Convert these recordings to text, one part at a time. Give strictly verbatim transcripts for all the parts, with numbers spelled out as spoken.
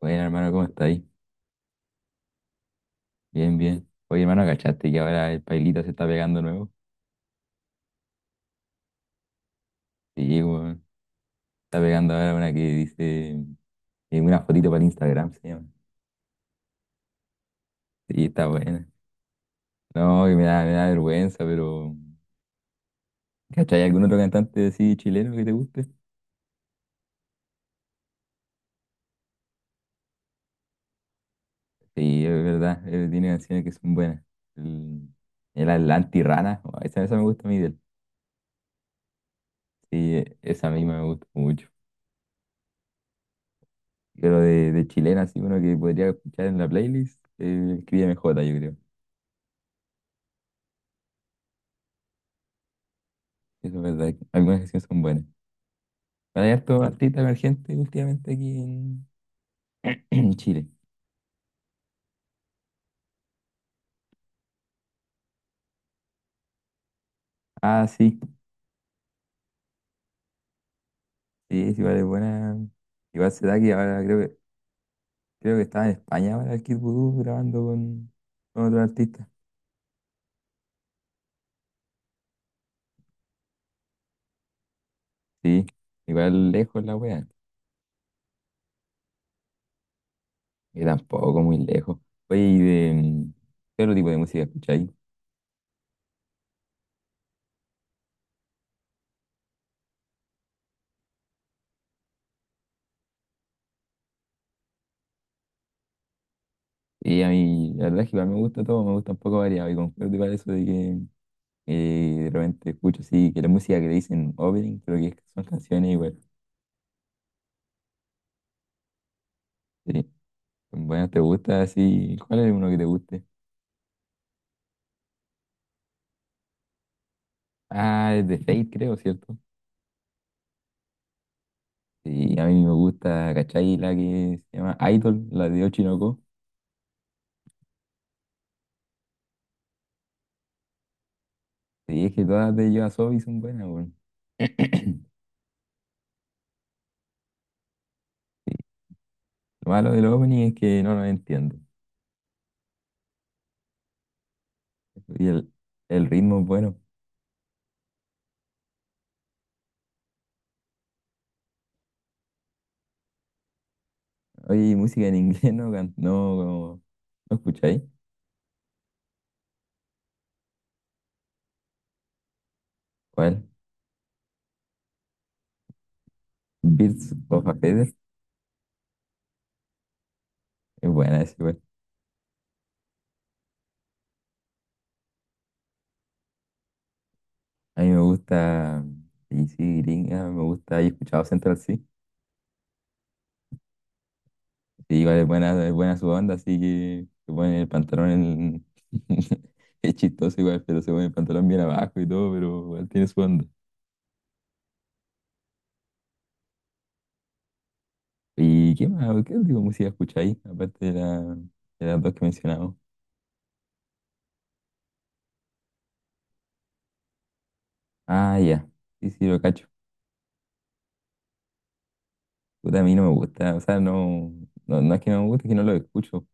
Bueno, hermano, ¿cómo estáis? Bien, bien. Oye, hermano, ¿cachaste que ahora el Pailita se está pegando nuevo? Sí, weón. Está pegando ahora una que dice eh, una fotito para el Instagram, se llama. Sí, está buena. No, que me da, me da vergüenza, pero. ¿Cachai? ¿Algún otro cantante así chileno que te guste? Sí, es verdad. Eh, tiene canciones que son buenas. El, el Atlanti Rana, oh, esa, esa me gusta a mí de él. Sí, eh, esa misma me gusta mucho. Pero de, de chilena, así uno que podría escuchar en la playlist, eh, escríbeme J, yo creo. Es verdad, que algunas canciones son buenas. Bueno, hay harto artista emergente últimamente aquí en, en Chile. Ah, sí, sí, es igual es buena. Igual se da que ahora creo que, creo que estaba en España ahora el Kid Voodoo grabando con, con otro artista. Sí, igual lejos la wea. Y tampoco muy lejos. Oye, ¿y de mm, qué otro tipo de música escucháis? Y a mí, la verdad es que igual me gusta todo, me gusta un poco variado. Y concuerdo igual eso de que eh, de repente escucho así, que la música que le dicen opening, creo que son canciones igual. Sí. Bueno, ¿te gusta así? ¿Cuál es uno que te guste? Ah, es de Fate, creo, ¿cierto? Sí, a mí me gusta, ¿cachai? La que se llama Idol, la de Ochinoco. Sí, es que todas de YOASOBI son buenas, weón. Sí, lo malo del opening es que no lo entiendo. Y el, el ritmo es bueno. Oye, ¿y música en inglés no, can- no, no escucháis? ¿Cuál? Birds of a Feather. Es buena esa, igual. A mí me gusta, y sí, gringa, me gusta, he escuchado Central. Sí, igual es buena, es buena su banda, así que se pone el pantalón en... Es chistoso igual, pero se pone el pantalón bien abajo y todo, pero igual tiene su banda. ¿Y qué más? ¿Qué tipo de música escucháis? Aparte de, la, de las dos que mencionamos. Ah, ya. Sí, sí, lo cacho. Puta, a mí no me gusta. O sea, no, no, no es que no me guste, es que no lo escucho.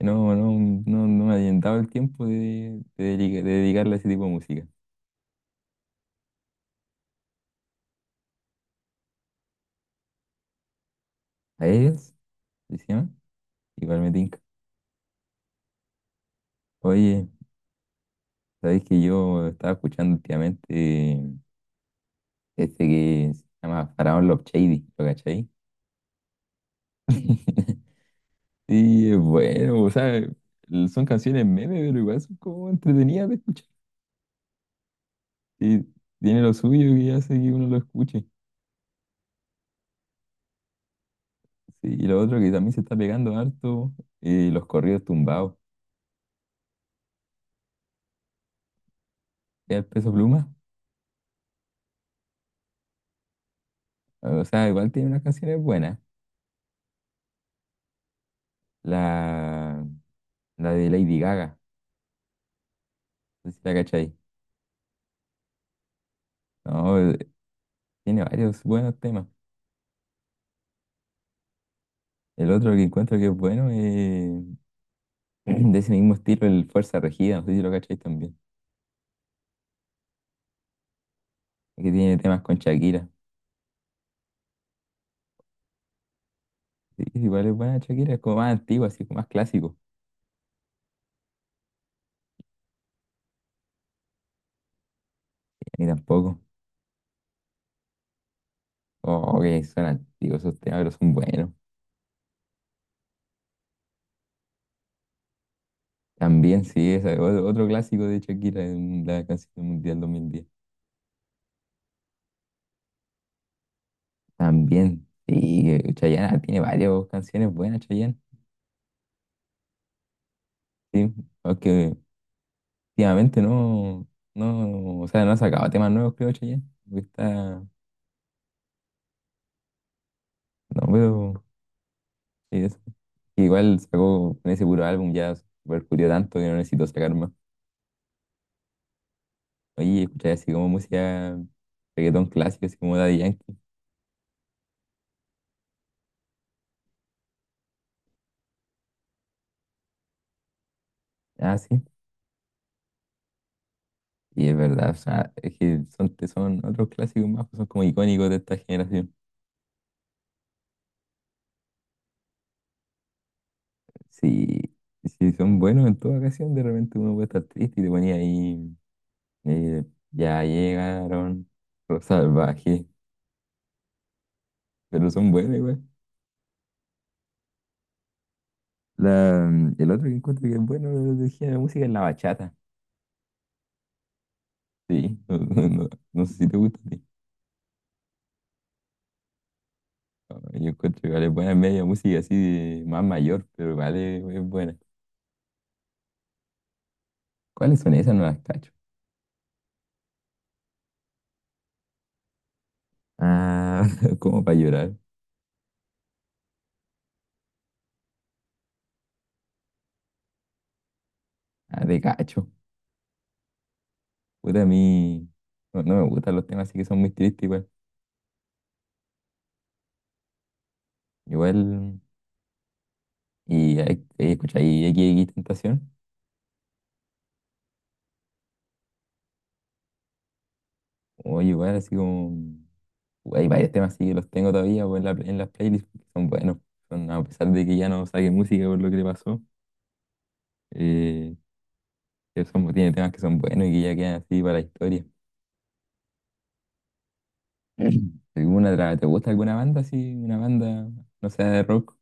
No, no, no, no me ha dado el tiempo de, de, dedica- de dedicarle a ese tipo de música. ¿A ellos? ¿Sí se llama? Igual me tinca. Oye, sabéis que yo estaba escuchando últimamente este que se llama Faraón Love Shady, ¿lo cachai? Sí, es bueno, o sea, l- son canciones meme, pero igual son como entretenidas de escuchar. Y tiene lo suyo que hace que uno lo escuche. Sí, y lo otro que también se está pegando harto, eh, los corridos tumbados. ¿Ya el Peso Pluma? O sea, igual tiene unas canciones buenas. La, la de Lady Gaga, no sé si la cachai. No, eh, tiene varios buenos temas. El otro que encuentro que es bueno es de ese mismo estilo, el Fuerza Regida, no sé si lo cacháis también, que tiene temas con Shakira. Sí, igual es buena Shakira, es como más antiguo, así como más clásico. Ni tampoco. Oh, que son antiguos esos temas, pero son buenos. También, sí, esa es otro, otro clásico de Shakira en la canción mundial dos mil diez. También, sí, eh, Chayanne ah, tiene varias canciones buenas, Chayanne. Sí, aunque últimamente no, no, o sea, no ha sacado temas nuevos, creo, Chayanne. Porque está, no veo. Y eso. Igual sacó con ese puro álbum, ya percutió tanto que no necesito sacar más. Oye, escuché así como música reggaetón clásico, así como Daddy Yankee. Ah, sí. Y es verdad, o sea, es que son, te- son otros clásicos más, son como icónicos de esta generación. Sí, sí, son buenos en toda ocasión, de repente uno puede estar triste y te ponía ahí, eh, ya llegaron los salvajes, pero son buenos igual. La, el otro que encuentro que es bueno de de género de música es la bachata. Sí, no, no- no- no sé si te gusta a ti. Ah, yo encuentro que vale buena media música así de más mayor, pero vale es buena. ¿Cuáles son esas? No las cacho. Ah, como para llorar. Ah, de cacho. Puta, a mí no, no me gustan los temas así que son muy tristes igual. Igual, y hay- hay- escucha, y equis equis Tentación. O igual así como... Hay varios temas así que los tengo todavía pues, en la, en las playlists que son buenos. Son, a pesar de que ya no saqué música por lo que le pasó. eh, que son- tiene temas que son buenos y que ya quedan así para la historia. ¿Alguna otra- te gusta alguna banda así? Una banda, no sea de rock.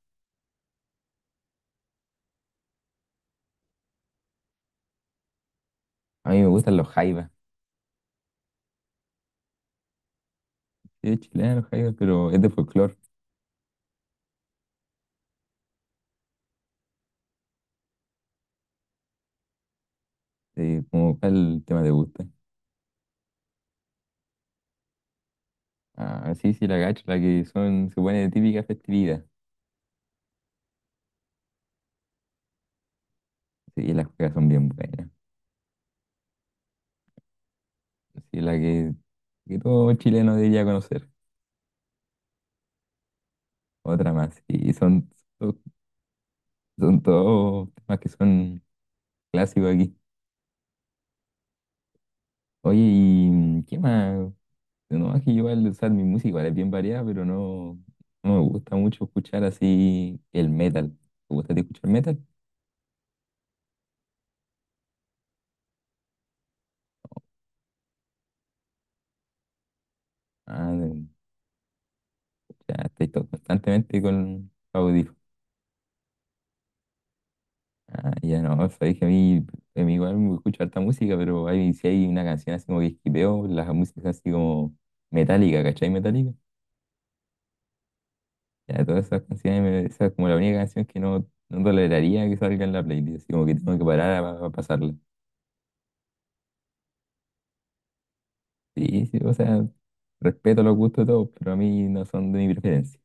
A mí me gustan los Jaivas. Sí, es chilena los Jaivas, pero es de folclore. Eh, como cuál tema te gusta. Ah, sí, sí, la gacho, la que son, se pone de típica festividad. Sí, las juegas son bien buenas. Sí, la que, que todo chileno debería conocer. Otra más. Y son, son, Son todos temas que son clásicos aquí. Oye, ¿y mm, qué más? No, es que yo igual, o sea, mi música igual es bien variada, pero no, no me gusta mucho escuchar así el metal. ¿Te gusta a ti escuchar metal? Ah, ya estoy todo- constantemente con audífonos. Ah, ya no, o sea, dije a mí, a mí igual me escucho harta música, pero hay, si hay una canción así como que esquipeo, las músicas así como metálica, ¿cachai? Metálica. Ya, todas esas canciones, me- esa es como la única canción que no, no toleraría que salga en la playlist, así como que tengo que parar a, a pasarla. Sí, sí, o sea, respeto los gustos de todos, pero a mí no son de mi preferencia.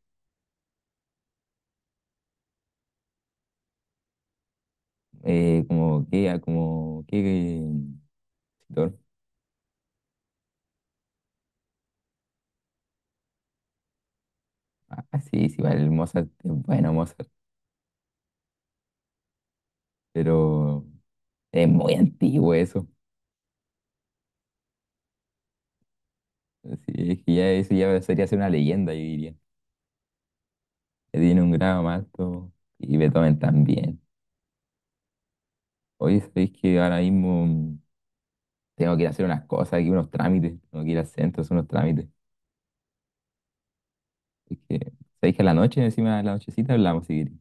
Eh, como que, ah, como que, que- compositor. Ah, sí, sí, vale, el Mozart es bueno, Mozart, pero es muy antiguo eso. Así es que ya eso ya sería ser una leyenda, yo diría. Que tiene un grado más alto y Beethoven también. Oye, sabéis que ahora mismo mm, tengo que ir a hacer unas cosas aquí, unos trámites. Tengo que ir al centro, a hacer unos trámites. Es que, sabéis que a la noche, encima de la nochecita, hablamos si queréis.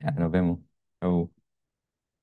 Ya, nos vemos. Chau.